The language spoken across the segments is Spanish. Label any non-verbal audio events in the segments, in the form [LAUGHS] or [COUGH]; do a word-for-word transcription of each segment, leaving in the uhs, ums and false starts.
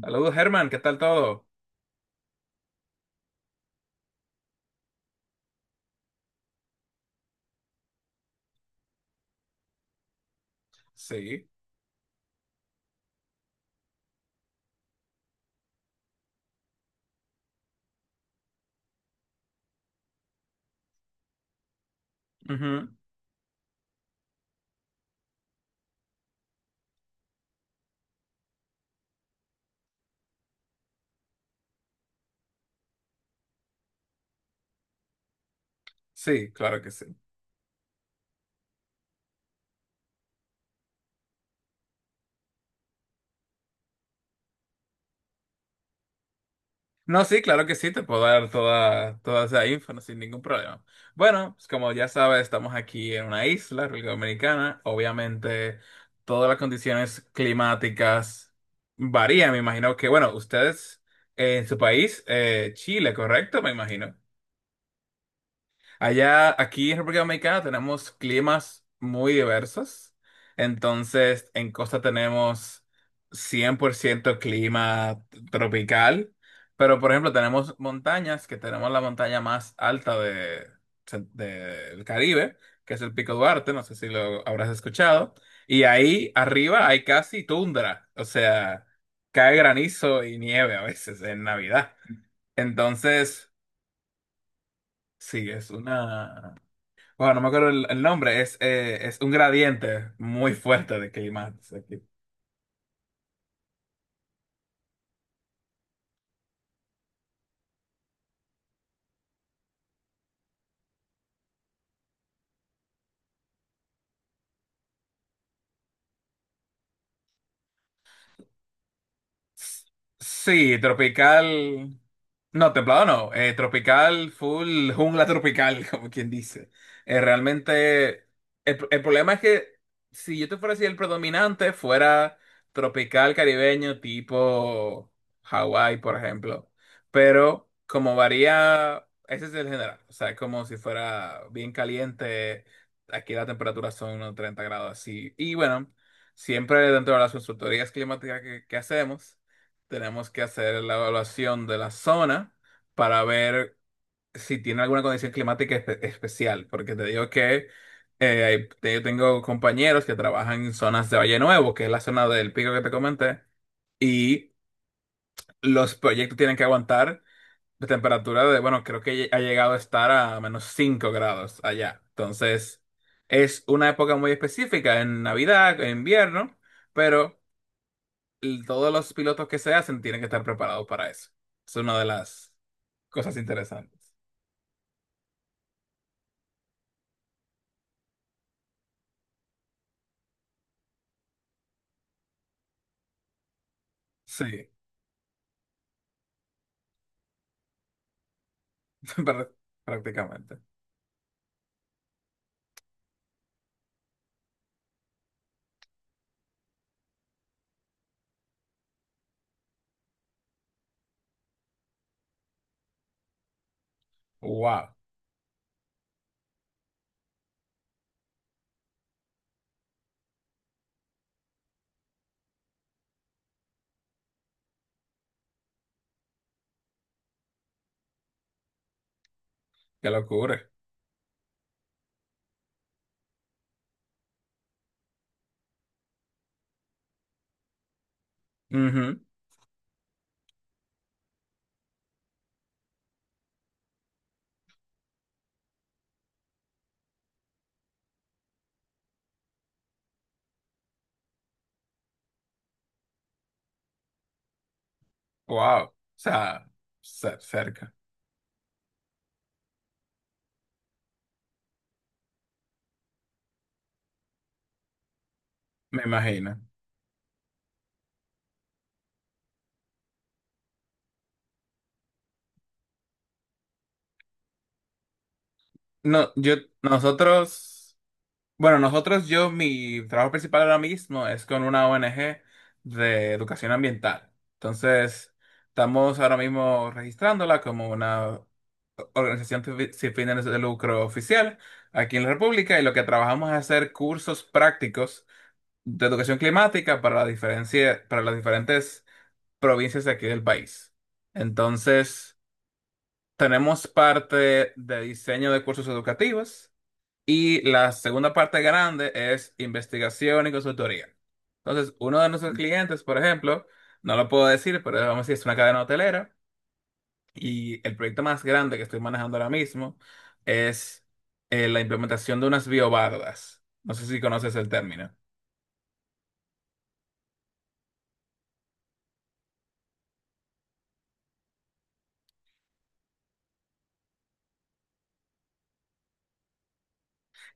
Saludos, Germán, ¿qué tal todo? Sí. Ujú. Sí, claro que sí. No, sí, claro que sí, te puedo dar toda, toda esa info no, sin ningún problema. Bueno, pues como ya sabes, estamos aquí en una isla, República Dominicana. Obviamente, todas las condiciones climáticas varían. Me imagino que, bueno, ustedes eh, en su país, eh, Chile, ¿correcto? Me imagino. Allá, aquí en República Dominicana tenemos climas muy diversos. Entonces, en costa tenemos cien por ciento clima tropical, pero por ejemplo tenemos montañas, que tenemos la montaña más alta de, del Caribe, que es el Pico Duarte, no sé si lo habrás escuchado, y ahí arriba hay casi tundra, o sea, cae granizo y nieve a veces en Navidad. Entonces, sí, es una... Bueno, no me acuerdo el, el nombre, es, eh, es un gradiente muy fuerte de clima. Sí, tropical. No, templado no. Eh, tropical, full jungla tropical, [LAUGHS] como quien dice. Eh, realmente, el, el problema es que si yo te fuera a decir el predominante, fuera tropical caribeño, tipo Hawái, por ejemplo. Pero como varía, ese es el general. O sea, es como si fuera bien caliente. Aquí la temperatura son unos treinta grados así. Y bueno, siempre dentro de las consultorías climáticas que que hacemos. Tenemos que hacer la evaluación de la zona para ver si tiene alguna condición climática espe- especial, porque te digo que eh, hay- te- yo tengo compañeros que trabajan en zonas de Valle Nuevo, que es la zona del pico que te comenté, y los proyectos tienen que aguantar la temperatura de, bueno, creo que ha llegado a estar a menos cinco grados allá. Entonces, es una época muy específica, en Navidad, en invierno, pero el- todos los pilotos que se hacen tienen que estar preparados para eso. Es una de las cosas interesantes. Sí, [LAUGHS] prá- prácticamente. Wow, qué locura. Ujú. Wow, o sea, cer- cerca, me imagino. No, yo, nosotros. Bueno, nosotros, yo, mi trabajo principal ahora mismo es con una O N G de educación ambiental. Entonces, estamos ahora mismo registrándola como una organización fi- sin fines de lucro oficial aquí en la República, y lo que trabajamos es hacer cursos prácticos de educación climática para la diferencia, para las diferentes provincias de aquí del país. Entonces, tenemos parte de diseño de cursos educativos. Y la segunda parte grande es investigación y consultoría. Entonces, uno de nuestros clientes, por ejemplo, no lo puedo decir, pero vamos a decir, es una cadena hotelera, y el proyecto más grande que estoy manejando ahora mismo es eh, la implementación de unas biobardas. No sé si conoces el término.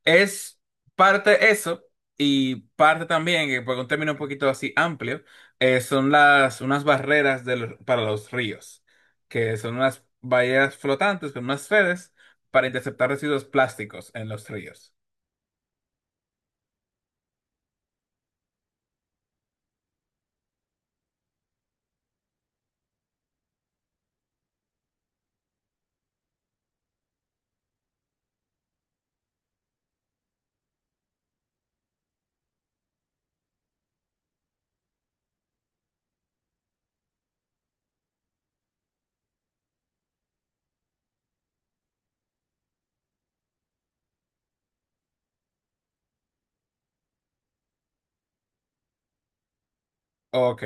Es parte eso y parte también, que por un término un poquito así amplio, eh, son las unas barreras de los- para los ríos, que son unas vallas flotantes con unas redes para interceptar residuos plásticos en los ríos. Ok,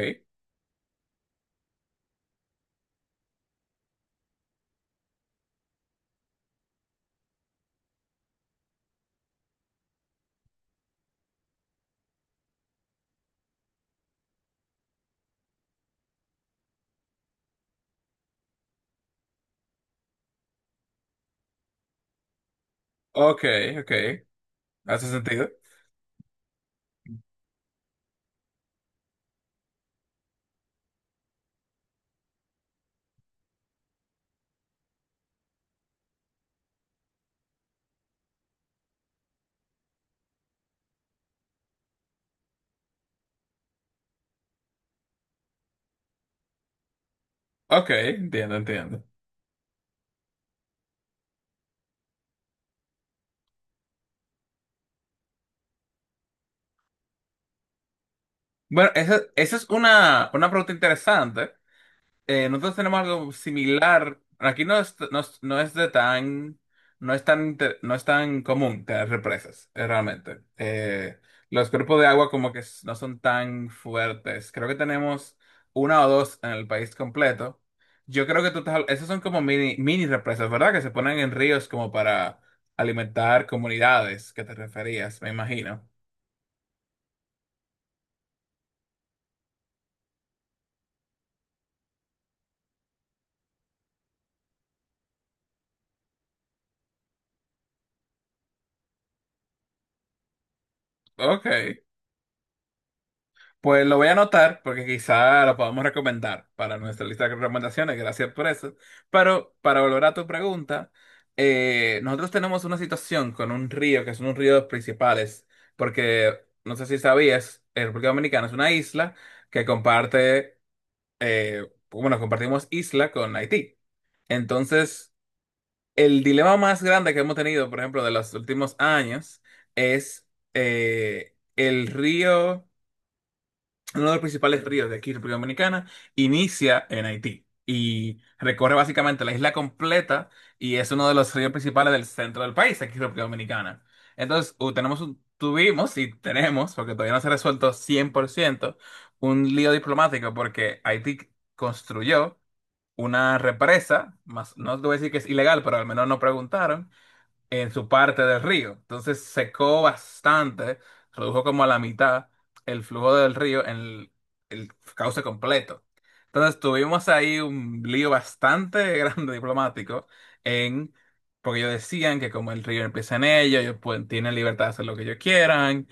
ok, ok. ¿Hace sentido? Ok, entiendo, entiendo. Bueno, esa, esa es una, una pregunta interesante. Eh, nosotros tenemos algo similar. Aquí no es, no es, no es de tan, no es tan, inter- no es tan común tener represas, eh, realmente. Eh, los cuerpos de agua como que s- no son tan fuertes. Creo que tenemos una o dos en el país completo. Yo creo que tú estás, esas son como mini, mini represas, ¿verdad? Que se ponen en ríos como para alimentar comunidades, que te referías, me imagino. Ok. Pues lo voy a anotar porque quizá lo podamos recomendar para nuestra lista de recomendaciones, gracias por eso. Pero para volver a tu pregunta, eh, nosotros tenemos una situación con un río, que es uno de los ríos principales, porque no sé si sabías, eh, República Dominicana es una isla que comparte, eh, bueno, compartimos isla con Haití. Entonces, el dilema más grande que hemos tenido, por ejemplo, de los últimos años, es eh, el río... Uno de los principales ríos de aquí, República Dominicana, inicia en Haití y recorre básicamente la isla completa, y es uno de los ríos principales del centro del país, aquí, República Dominicana. Entonces, u- tenemos un- tuvimos y tenemos, porque todavía no se ha resuelto cien por ciento un lío diplomático porque Haití construyó una represa, más, no te voy a decir que es ilegal, pero al menos no preguntaron, en su parte del río. Entonces secó bastante, redujo como a la mitad el flujo del río en el, el cauce completo. Entonces tuvimos ahí un lío bastante [LAUGHS] grande diplomático en, porque ellos decían que como el río empieza en ellos, ellos pueden, tienen libertad de hacer lo que ellos quieran,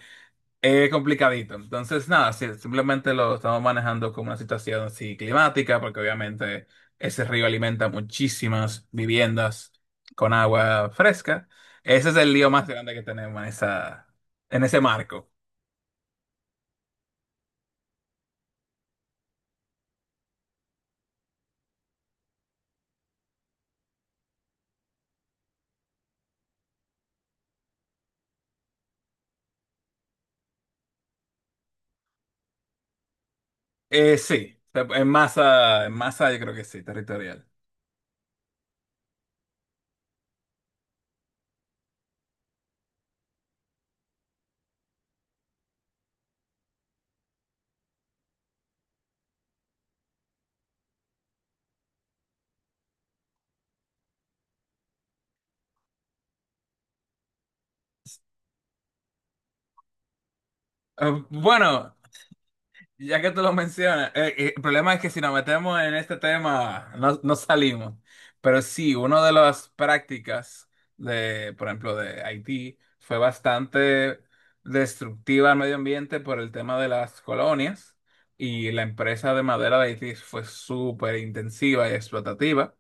es complicadito. Entonces, nada, sí, simplemente lo estamos manejando como una situación así climática, porque obviamente ese río alimenta muchísimas viviendas con agua fresca. Ese es el lío más grande que tenemos en esa, en ese marco. Eh, sí, en masa, en masa yo creo que sí, territorial. Eh, bueno. Ya que tú lo mencionas, eh, eh, el problema es que si nos metemos en este tema, no, no salimos. Pero sí, una de las prácticas de, por ejemplo, de Haití fue bastante destructiva al medio ambiente por el tema de las colonias, y la empresa de madera de Haití fue súper intensiva y explotativa,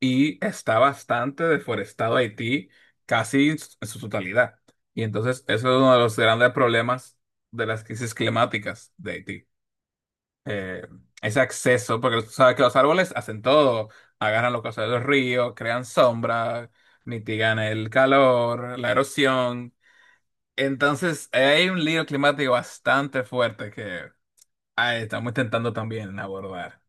y está bastante deforestado Haití casi en su en su totalidad. Y entonces eso es uno de los grandes problemas de las crisis climáticas de Haití, eh, ese acceso, porque tú sabes que los árboles hacen todo, agarran los cauces de los ríos, crean sombra, mitigan el calor, la erosión. Entonces, eh, hay un lío climático bastante fuerte que ah, estamos intentando también abordar.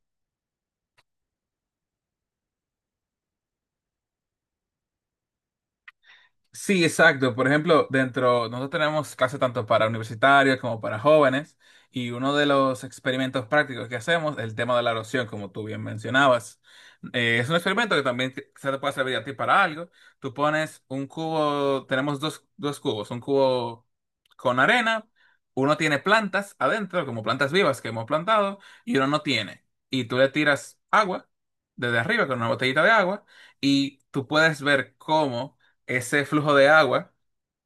Sí, exacto. Por ejemplo, dentro, nosotros tenemos clases tanto para universitarios como para jóvenes, y uno de los experimentos prácticos que hacemos es el tema de la erosión, como tú bien mencionabas. Eh, es un experimento que también te- se te puede servir a ti para algo. Tú pones un cubo, tenemos dos, dos cubos, un cubo con arena, uno tiene plantas adentro, como plantas vivas que hemos plantado, y uno no tiene. Y tú le tiras agua desde arriba con una botellita de agua, y tú puedes ver cómo ese flujo de agua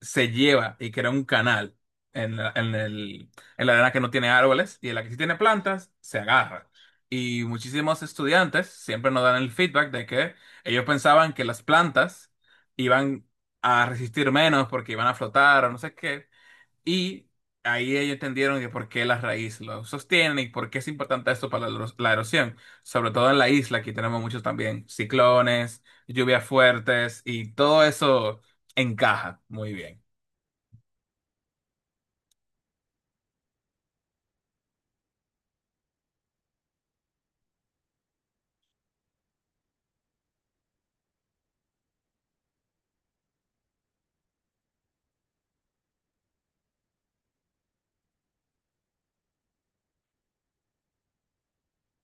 se lleva y crea un canal en la, en el- en la arena que no tiene árboles, y en la que sí tiene plantas, se agarra. Y muchísimos estudiantes siempre nos dan el feedback de que ellos pensaban que las plantas iban a resistir menos porque iban a flotar o no sé qué, y ahí ellos entendieron que por qué la raíz lo sostiene y por qué es importante esto para la, ero- la erosión. Sobre todo en la isla, aquí tenemos muchos también ciclones, lluvias fuertes y todo eso encaja muy bien.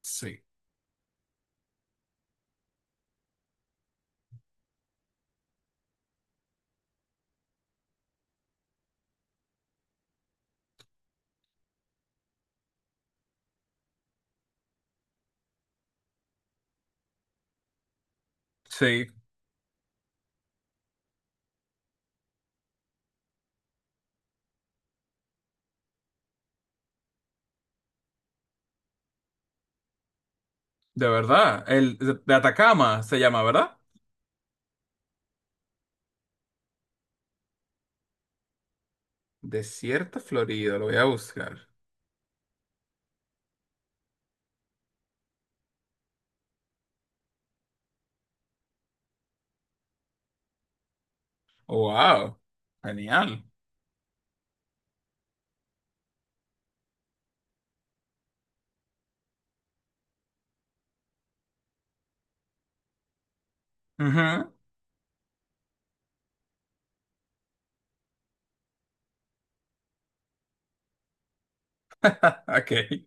Sí, sí, de verdad. El de, de Atacama se llama, ¿verdad? Desierto Florido, lo voy a buscar. Wow, genial. Ujú. [LAUGHS] Ok.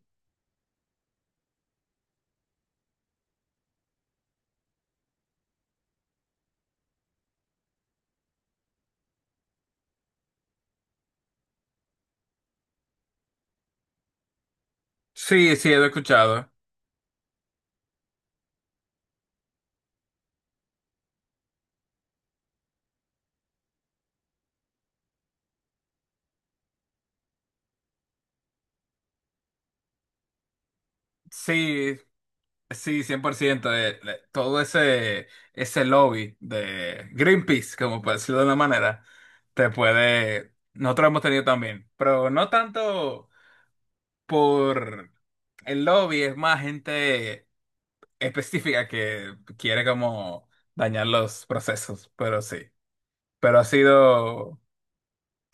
Sí, sí, lo he escuchado. Sí, sí, cien por ciento, de, de todo ese, ese lobby de Greenpeace, como por decirlo de una manera, te puede, nosotros lo hemos tenido también, pero no tanto por el lobby, es más gente específica que quiere como dañar los procesos, pero sí, pero ha sido,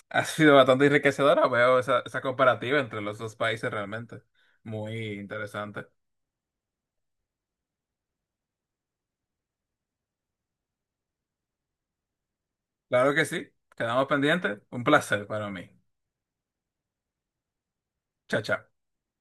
ha sido bastante enriquecedora, veo esa, esa comparativa entre los dos países realmente, muy interesante. Claro que sí, quedamos pendientes, un placer para mí. Chao, chao.